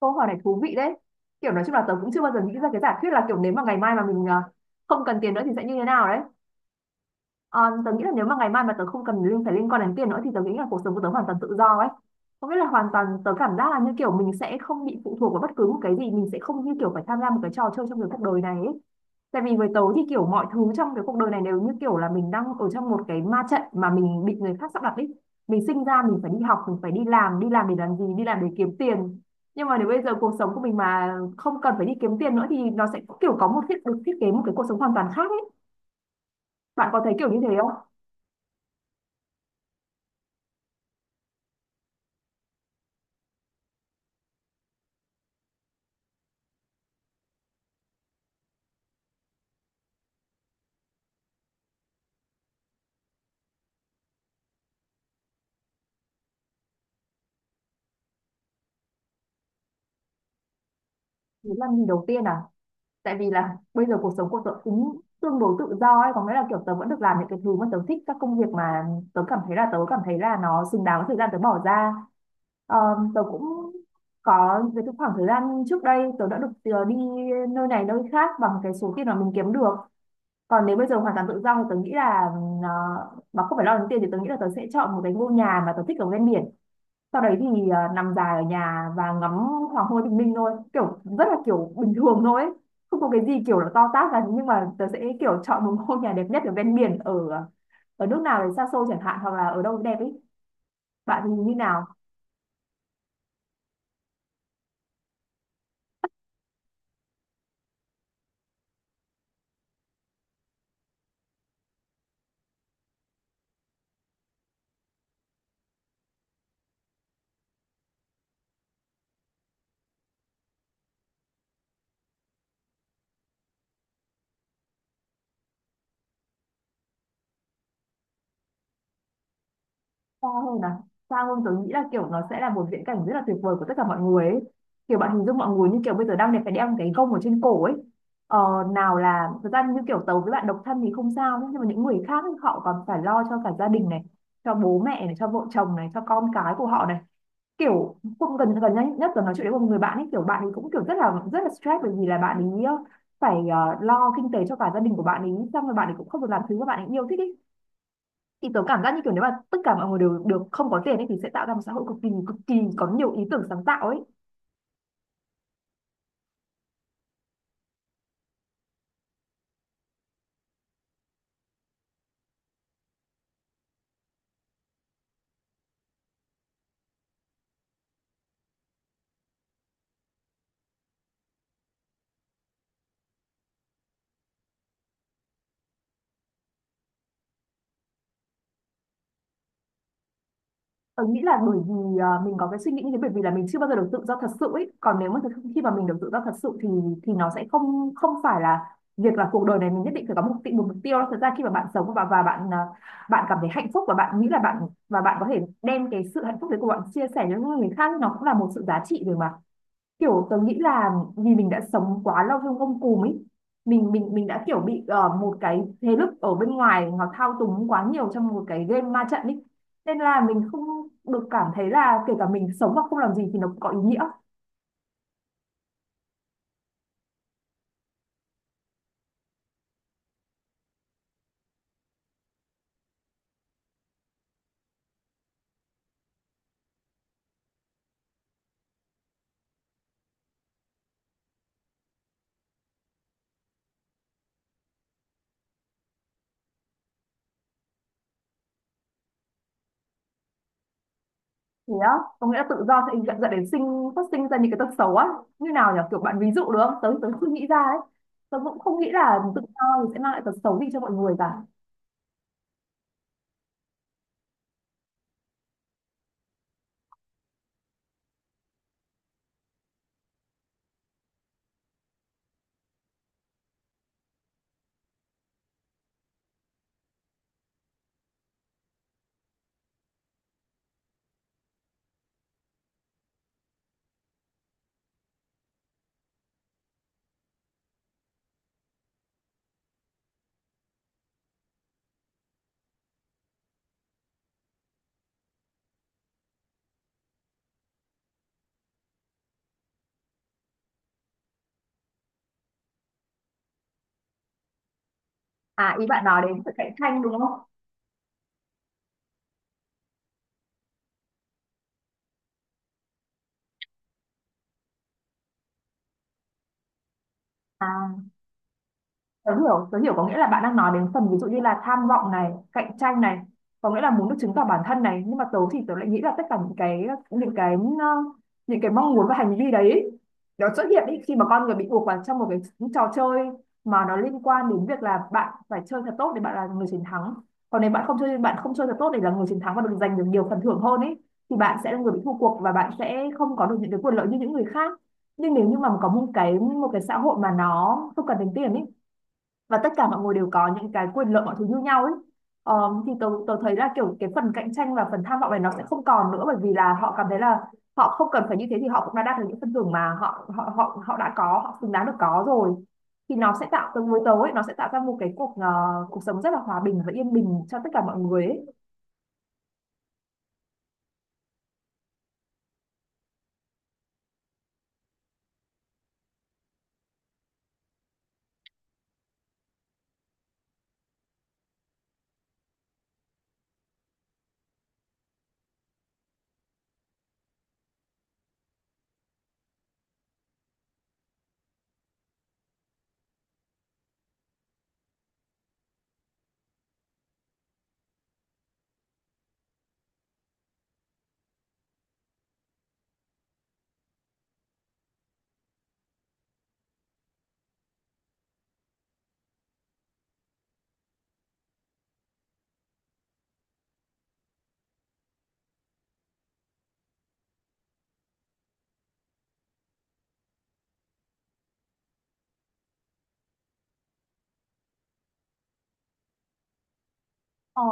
Câu hỏi này thú vị đấy. Kiểu nói chung là tớ cũng chưa bao giờ nghĩ ra cái giả thuyết là kiểu nếu mà ngày mai mà mình không cần tiền nữa thì sẽ như thế nào đấy. Ờ, tớ nghĩ là nếu mà ngày mai mà tớ không cần phải liên quan đến tiền nữa thì tớ nghĩ là cuộc sống của tớ hoàn toàn tự do ấy. Có nghĩa là hoàn toàn tớ cảm giác là như kiểu mình sẽ không bị phụ thuộc vào bất cứ một cái gì, mình sẽ không như kiểu phải tham gia một cái trò chơi trong cái cuộc đời này ấy. Tại vì với tớ thì kiểu mọi thứ trong cái cuộc đời này đều như kiểu là mình đang ở trong một cái ma trận mà mình bị người khác sắp đặt ấy. Mình sinh ra mình phải đi học, mình phải đi làm để làm gì, đi làm để kiếm tiền. Nhưng mà nếu bây giờ cuộc sống của mình mà không cần phải đi kiếm tiền nữa thì nó sẽ kiểu có một thiết được thiết kế một cái cuộc sống hoàn toàn khác ấy. Bạn có thấy kiểu như thế không? Đấy là mình đầu tiên à? Tại vì là bây giờ cuộc sống của tớ cũng tương đối tự do ấy, có nghĩa là kiểu tớ vẫn được làm những cái thứ mà tớ thích, các công việc mà tớ cảm thấy là nó xứng đáng với thời gian tớ bỏ ra. Ờ, tớ cũng có về cái khoảng thời gian trước đây tớ đã được đi nơi này nơi khác bằng cái số tiền mà mình kiếm được. Còn nếu bây giờ hoàn toàn tự do thì tớ nghĩ là ờ, mà không phải lo đến tiền thì tớ nghĩ là tớ sẽ chọn một cái ngôi nhà mà tớ thích ở ven biển, sau đấy thì nằm dài ở nhà và ngắm hoàng hôn bình minh thôi, kiểu rất là kiểu bình thường thôi ấy. Không có cái gì kiểu là to tát cả, nhưng mà tớ sẽ kiểu chọn một ngôi nhà đẹp nhất ở ven biển ở nước nào đấy xa xôi chẳng hạn hoặc là ở đâu đẹp ấy. Bạn thì như nào? Xa hơn à? Xa hơn tớ nghĩ là kiểu nó sẽ là một viễn cảnh rất là tuyệt vời của tất cả mọi người ấy. Kiểu bạn hình dung mọi người như kiểu bây giờ đang đẹp phải đeo cái gông ở trên cổ ấy. Ờ, nào là thật ra như kiểu tớ với bạn độc thân thì không sao nhá, nhưng mà những người khác ấy, họ còn phải lo cho cả gia đình này, cho bố mẹ này, cho vợ chồng này, cho con cái của họ này, kiểu cũng gần gần nhất nhất là nói chuyện với một người bạn ấy, kiểu bạn ấy cũng kiểu rất là stress bởi vì là bạn ấy phải lo kinh tế cho cả gia đình của bạn ấy, xong rồi bạn ấy cũng không được làm thứ mà bạn ấy yêu thích ý. Thì tớ cảm giác như kiểu nếu mà tất cả mọi người đều được không có tiền ấy thì sẽ tạo ra một xã hội cực kỳ có nhiều ý tưởng sáng tạo ấy. Tớ nghĩ là bởi vì mình có cái suy nghĩ như thế bởi vì là mình chưa bao giờ được tự do thật sự ấy. Còn nếu mà khi mà mình được tự do thật sự thì nó sẽ không không phải là việc là cuộc đời này mình nhất định phải có một mục tiêu đâu. Thật ra khi mà bạn sống và bạn bạn cảm thấy hạnh phúc và bạn nghĩ là bạn và bạn có thể đem cái sự hạnh phúc đấy của bạn chia sẻ cho những người khác, nó cũng là một sự giá trị rồi mà. Kiểu tớ nghĩ là vì mình đã sống quá lâu trong gông cùm ấy, mình đã kiểu bị một cái thế lực ở bên ngoài nó thao túng quá nhiều trong một cái game ma trận ấy, nên là mình không được cảm thấy là kể cả mình sống mà không làm gì thì nó cũng có ý nghĩa. Thế á? Có nghĩa là tự do sẽ dẫn dẫn đến phát sinh ra những cái tật xấu á? Như nào nhỉ, kiểu bạn ví dụ được không, tớ tớ chưa nghĩ ra ấy. Tớ cũng không nghĩ là tự do thì sẽ mang lại tật xấu gì cho mọi người cả. À, ý bạn nói đến sự cạnh tranh đúng không? À, tớ hiểu, tớ hiểu, có nghĩa là bạn đang nói đến phần ví dụ như là tham vọng này, cạnh tranh này, có nghĩa là muốn được chứng tỏ bản thân này, nhưng mà tớ thì tớ lại nghĩ là tất cả những cái những cái ờ, những cái mong muốn và hành vi đấy, nó xuất hiện ý, khi mà con người bị buộc vào trong một cái trò chơi mà nó liên quan đến việc là bạn phải chơi thật tốt để bạn là người chiến thắng. Còn nếu bạn không chơi thật tốt để là người chiến thắng và được giành được nhiều phần thưởng hơn ấy thì bạn sẽ là người bị thua cuộc và bạn sẽ không có được những cái quyền lợi như những người khác. Nhưng nếu như mà có một cái xã hội mà nó không cần đến tiền ấy và tất cả mọi người đều có những cái quyền lợi mọi thứ như nhau ấy. Ờ, thì tôi thấy là kiểu cái phần cạnh tranh và phần tham vọng này nó sẽ không còn nữa, bởi vì là họ cảm thấy là họ không cần phải như thế thì họ cũng đã đạt được những phần thưởng mà họ họ họ họ đã có, họ xứng đáng được có rồi. Thì nó sẽ tạo từ với tớ, nó sẽ tạo ra một cái cuộc cuộc sống rất là hòa bình và yên bình cho tất cả mọi người ấy. Ờ,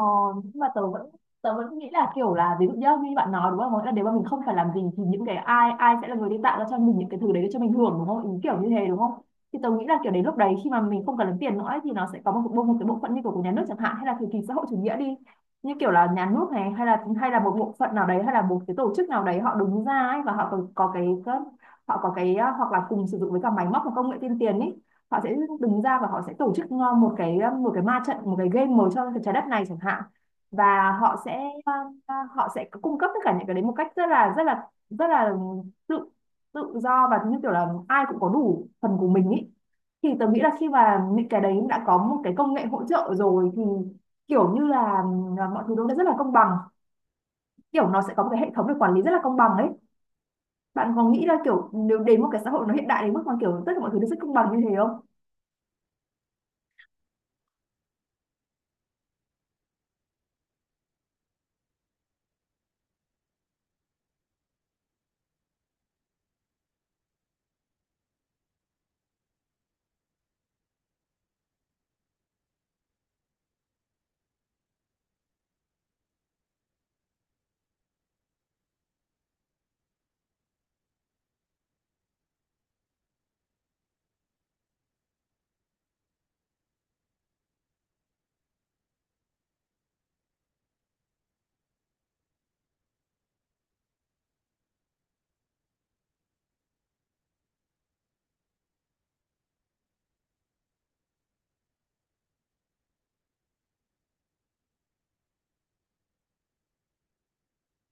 nhưng mà tớ vẫn nghĩ là kiểu là, ví dụ nhá, như bạn nói đúng không, là nếu mà mình không phải làm gì thì những cái ai ai sẽ là người đi tạo ra cho mình những cái thứ đấy để cho mình hưởng đúng không, ý kiểu như thế đúng không? Thì tớ nghĩ là kiểu đến lúc đấy khi mà mình không cần đến tiền nữa ấy, thì nó sẽ có một cái bộ phận như kiểu của nhà nước chẳng hạn, hay là thời kỳ xã hội chủ nghĩa đi, như kiểu là nhà nước này, hay là một bộ phận nào đấy, hay là một cái tổ chức nào đấy, họ đứng ra ấy, và họ có cái hoặc là cùng sử dụng với cả máy móc và công nghệ tiên tiến ý, họ sẽ đứng ra và họ sẽ tổ chức một cái ma trận, một cái game màu cho trái đất này chẳng hạn. Và họ sẽ ờ, họ sẽ cung cấp tất cả những cái đấy một cách rất là rất là rất là tự tự do và như kiểu là ai cũng có đủ phần của mình ý. Thì tớ nghĩ là khi mà những cái đấy đã có một cái công nghệ hỗ trợ rồi thì kiểu như là, mọi thứ nó đã rất là công bằng, kiểu nó sẽ có một cái hệ thống để quản lý rất là công bằng ấy. Bạn có nghĩ là kiểu nếu đến một cái xã hội nó hiện đại đến mức mà kiểu tất cả mọi thứ nó rất công bằng như thế không?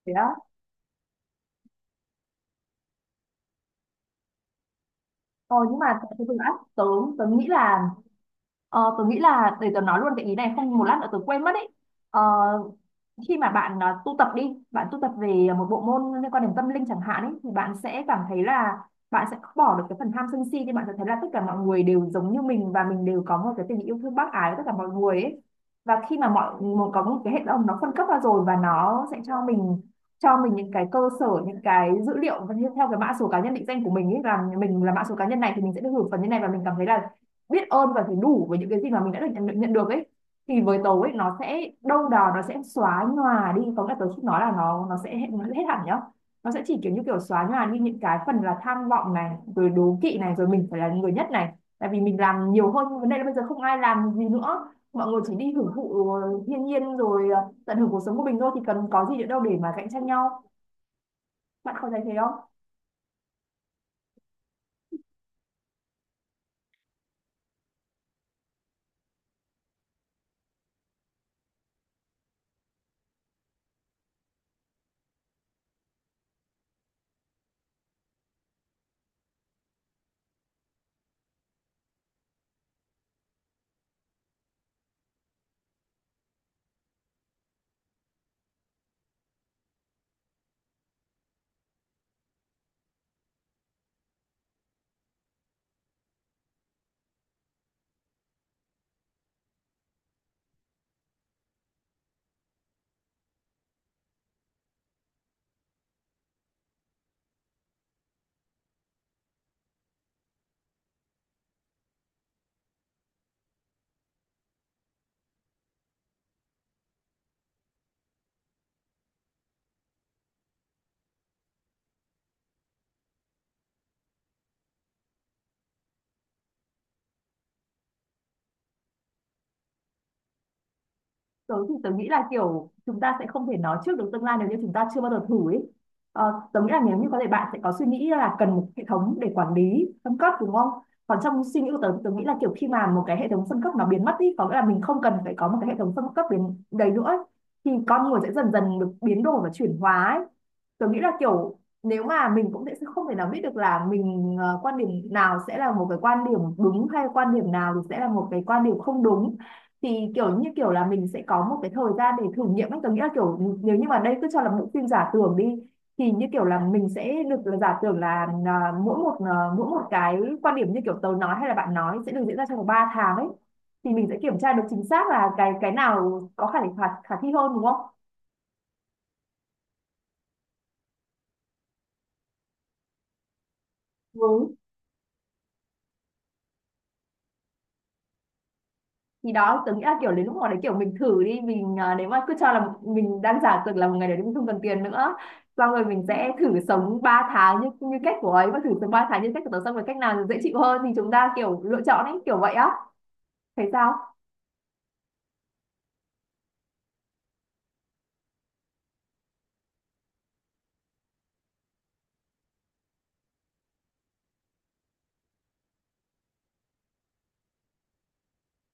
Thế á? Ờ, nhưng mà thật sự á, tớ nghĩ là tớ nghĩ là, để tớ nói luôn cái ý này không một lát nữa tớ quên mất ấy. Ờ, khi mà bạn tu tập đi, bạn tu tập về một bộ môn liên quan đến tâm linh chẳng hạn ấy, thì bạn sẽ cảm thấy là bạn sẽ bỏ được cái phần tham sân si, thì bạn sẽ thấy là tất cả mọi người đều giống như mình và mình đều có một cái tình yêu thương bác ái với tất cả mọi người ấy. Và khi mà một có một cái hệ thống nó phân cấp ra rồi và nó sẽ cho mình những cái cơ sở, những cái dữ liệu, và theo cái mã số cá nhân định danh của mình ấy là Mình là mã số cá nhân này thì mình sẽ được hưởng phần như này, và mình cảm thấy là biết ơn và thấy đủ với những cái gì mà mình đã được nhận được ấy. Thì với tớ ấy, nó sẽ đâu đó nó sẽ xóa nhòa đi, có nghĩa là tớ không nói là nó sẽ hết, nó sẽ hết hẳn nhá. Nó sẽ chỉ kiểu như kiểu xóa nhòa đi những cái phần là tham vọng này, rồi đố kỵ này, rồi mình phải là người nhất này, tại vì mình làm nhiều hơn. Nhưng vấn đề là bây giờ không ai làm gì nữa, mọi người chỉ đi hưởng thụ thiên nhiên, rồi tận hưởng cuộc sống của mình thôi, thì cần có gì nữa đâu để mà cạnh tranh nhau. Bạn có thấy thế không? Tớ thì tớ nghĩ là kiểu chúng ta sẽ không thể nói trước được tương lai nếu như chúng ta chưa bao giờ thử ấy. Tớ nghĩ là nếu như có thể bạn sẽ có suy nghĩ là cần một hệ thống để quản lý phân cấp, đúng không? Còn trong suy nghĩ của tớ thì tớ nghĩ là kiểu khi mà một cái hệ thống phân cấp nó biến mất đi, có nghĩa là mình không cần phải có một cái hệ thống phân cấp biến đầy nữa ấy, thì con người sẽ dần dần được biến đổi và chuyển hóa ấy. Tớ nghĩ là kiểu nếu mà mình cũng sẽ không thể nào biết được là mình quan điểm nào sẽ là một cái quan điểm đúng, hay quan điểm nào thì sẽ là một cái quan điểm không đúng, thì kiểu như kiểu là mình sẽ có một cái thời gian để thử nghiệm ấy. Tôi nghĩ là kiểu nếu như mà đây cứ cho là bộ phim giả tưởng đi, thì như kiểu là mình sẽ được là giả tưởng là mỗi một cái quan điểm như kiểu tớ nói hay là bạn nói sẽ được diễn ra trong vòng 3 tháng ấy, thì mình sẽ kiểm tra được chính xác là cái nào có khả khả, khả thi hơn, đúng không? Ừ. Thì đó, tớ nghĩ là, kiểu, đến lúc hồi đấy, kiểu, mình thử đi, mình, nếu mà cứ cho là mình đang giả tưởng là một ngày đấy mình không cần tiền nữa, xong rồi mình sẽ thử sống 3 tháng như như cách của ấy, và thử sống 3 tháng như cách của tớ, xong rồi cách nào dễ chịu hơn thì chúng ta, kiểu, lựa chọn ấy, kiểu vậy á. Thấy sao?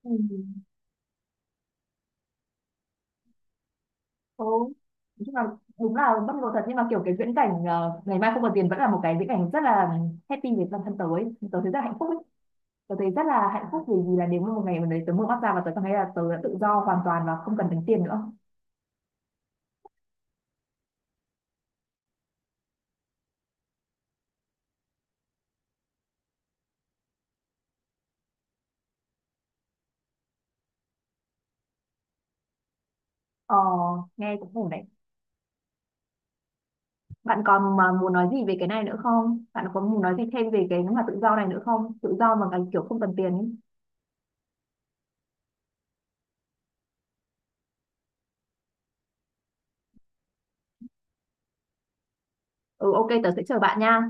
Ừ. Ừ. Nói chung là đúng là bất ngờ thật, nhưng mà kiểu cái viễn cảnh ngày mai không còn tiền vẫn là một cái viễn cảnh rất là happy với bản thân tớ ấy. Tớ thấy rất là hạnh phúc ấy. Tớ thấy rất là hạnh phúc vì vì là nếu mà một ngày mà đấy tớ mở mắt ra và tớ cảm thấy là tớ đã tự do hoàn toàn và không cần tính tiền nữa. Ờ, nghe cũng ổn đấy. Bạn còn mà muốn nói gì về cái này nữa không? Bạn có muốn nói gì thêm về cái mà tự do này nữa không? Tự do mà cái kiểu không cần tiền ấy. Ừ, ok, tớ sẽ chờ bạn nha.